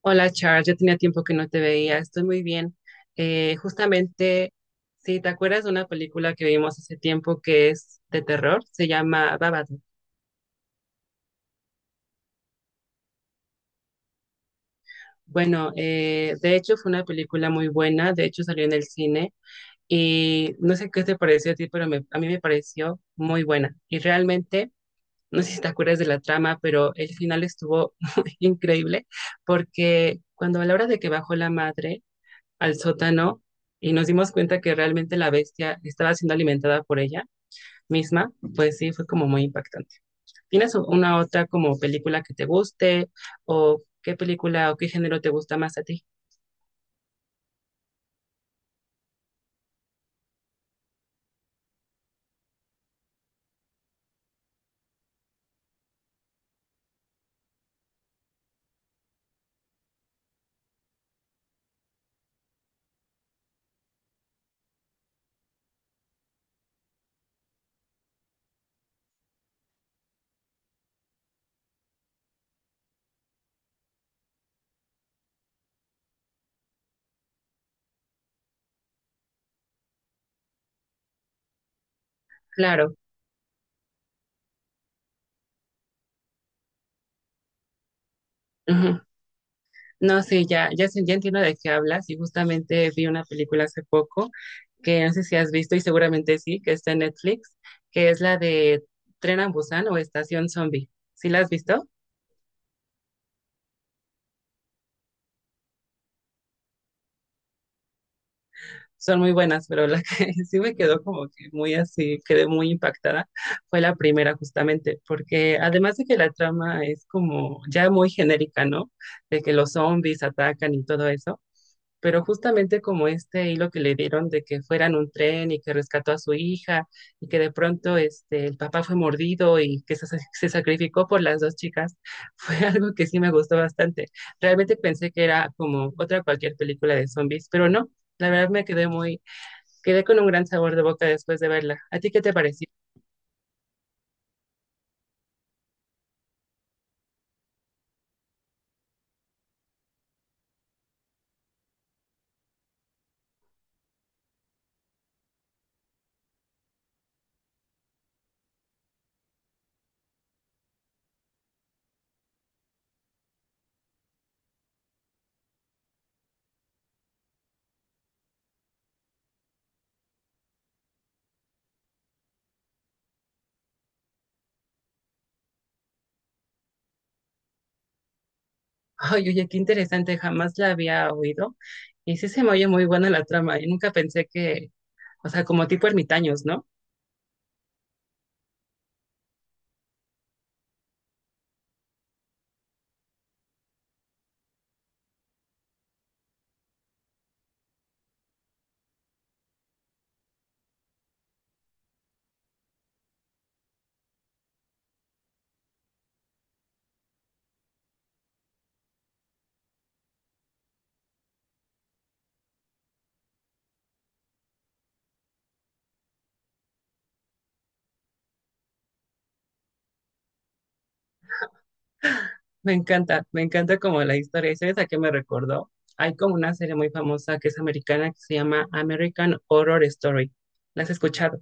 Hola Charles, ya tenía tiempo que no te veía, estoy muy bien. Justamente, si te acuerdas de una película que vimos hace tiempo que es de terror, se llama Babadook. Bueno, de hecho fue una película muy buena, de hecho salió en el cine y no sé qué te pareció a ti, pero a mí me pareció muy buena. Y realmente, no sé si te acuerdas de la trama, pero el final estuvo muy increíble porque cuando a la hora de que bajó la madre, al sótano y nos dimos cuenta que realmente la bestia estaba siendo alimentada por ella misma, pues sí, fue como muy impactante. ¿Tienes una otra como película que te guste o qué película o qué género te gusta más a ti? Claro. Ujú. No, sí, ya, ya, ya entiendo de qué hablas y justamente vi una película hace poco que no sé si has visto y seguramente sí, que está en Netflix, que es la de Tren a Busan o Estación Zombie. ¿Sí la has visto? Son muy buenas, pero la que sí me quedó como que muy así, quedé muy impactada, fue la primera justamente, porque además de que la trama es como ya muy genérica, ¿no? De que los zombies atacan y todo eso, pero justamente como este hilo que le dieron de que fueran un tren y que rescató a su hija y que de pronto este, el papá fue mordido y que se sacrificó por las dos chicas, fue algo que sí me gustó bastante. Realmente pensé que era como otra cualquier película de zombies, pero no. La verdad me quedé muy. Quedé con un gran sabor de boca después de verla. ¿A ti qué te pareció? Ay, oye, qué interesante, jamás la había oído. Y sí se me oye muy buena la trama. Y nunca pensé que, o sea, como tipo ermitaños, ¿no? Me encanta como la historia. ¿Y sabes a qué me recordó? Hay como una serie muy famosa que es americana que se llama American Horror Story. ¿La has escuchado?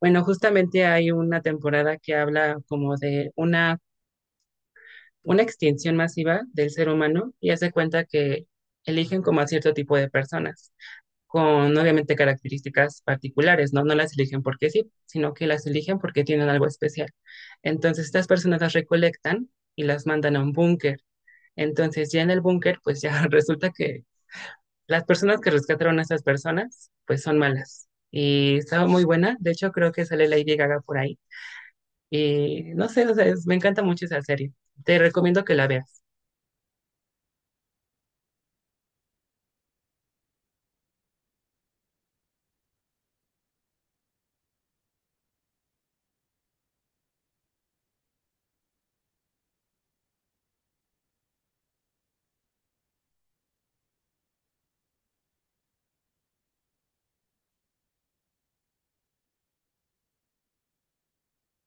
Bueno, justamente hay una temporada que habla como de una extinción masiva del ser humano y hace cuenta que eligen como a cierto tipo de personas, con obviamente características particulares, ¿no? No las eligen porque sí, sino que las eligen porque tienen algo especial. Entonces, estas personas las recolectan y las mandan a un búnker. Entonces, ya en el búnker, pues ya resulta que las personas que rescataron a estas personas, pues son malas. Y estaba muy buena, de hecho creo que sale Lady Gaga por ahí. Y no sé, o sea, me encanta mucho esa serie. Te recomiendo que la veas.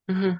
Ujú.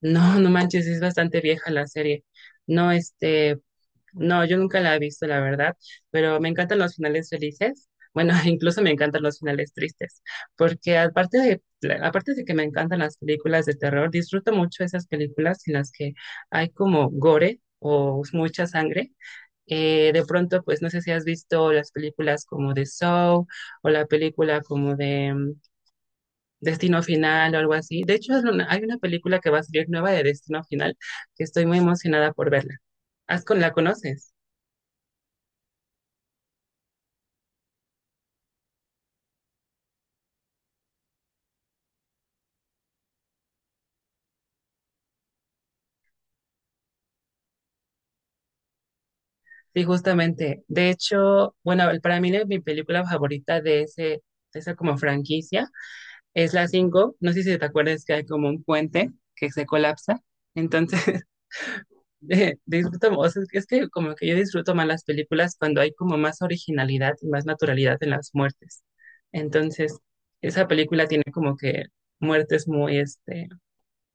No, no manches, es bastante vieja la serie. No, este, no, yo nunca la he visto, la verdad, pero me encantan los finales felices. Bueno, incluso me encantan los finales tristes, porque aparte de que me encantan las películas de terror, disfruto mucho esas películas en las que hay como gore o mucha sangre. De pronto, pues no sé si has visto las películas como de Saw o la película como de Destino Final o algo así. De hecho, hay una película que va a salir nueva de Destino Final que estoy muy emocionada por verla. ¿Has con la conoces? Sí, justamente. De hecho, bueno, para mí mi película favorita de ese, de esa como franquicia es la 5. No sé si te acuerdas que hay como un puente que se colapsa. Entonces, disfruto, o sea, es que como que yo disfruto más las películas cuando hay como más originalidad y más naturalidad en las muertes. Entonces, esa película tiene como que muertes muy, este,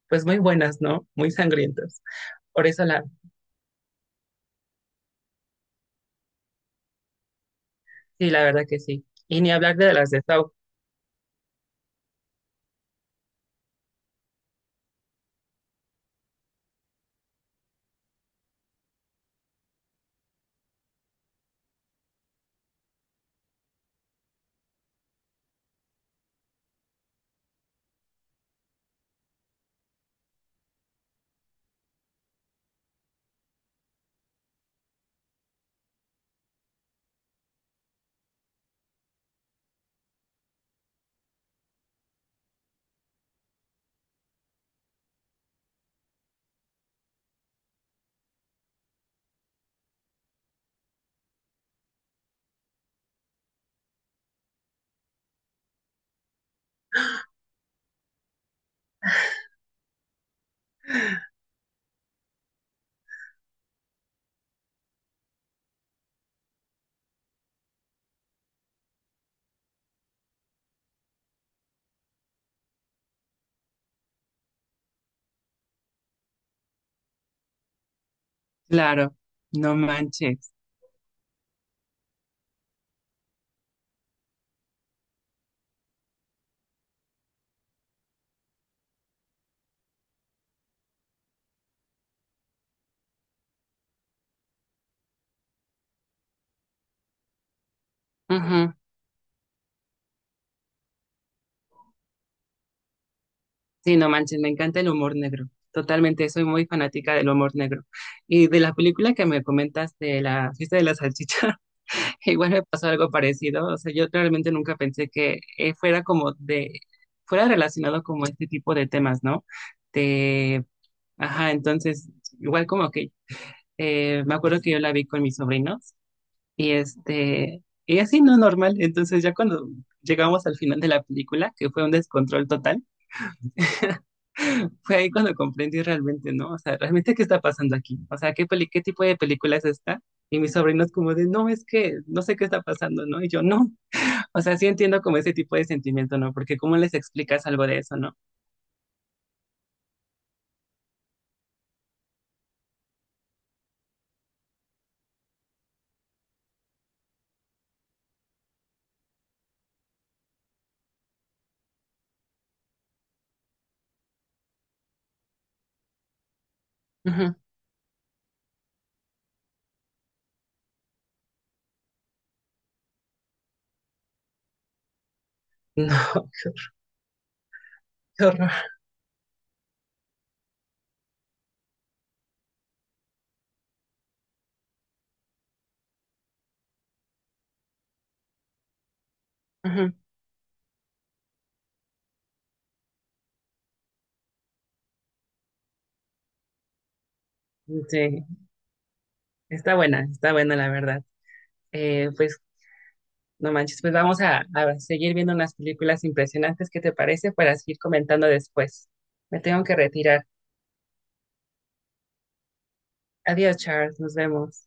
pues muy buenas, ¿no? Muy sangrientas. Por eso la, sí, la verdad que sí. Y ni hablar de las de Saw. Claro, no manches. Ujú. Sí, no manches, me encanta el humor negro. Totalmente, soy muy fanática del humor negro. Y de la película que me comentas de la fiesta de la salchicha, igual me pasó algo parecido. O sea, yo realmente nunca pensé que fuera como de, fuera relacionado como este tipo de temas, ¿no? De, ajá, entonces, igual como que, me acuerdo que yo la vi con mis sobrinos y este, y así no normal. Entonces ya cuando llegamos al final de la película, que fue un descontrol total, fue ahí cuando comprendí realmente, ¿no? O sea, realmente qué está pasando aquí. O sea, ¿qué qué tipo de película es esta? Y mis sobrinos como de, no, es que no sé qué está pasando, ¿no? Y yo, no. O sea, sí entiendo como ese tipo de sentimiento, ¿no? Porque ¿cómo les explicas algo de eso, no? Ujú. No, qué horror. Ujú. Sí, está buena la verdad. Pues no manches, pues vamos a seguir viendo unas películas impresionantes. ¿Qué te parece? Para seguir comentando después. Me tengo que retirar. Adiós, Charles. Nos vemos.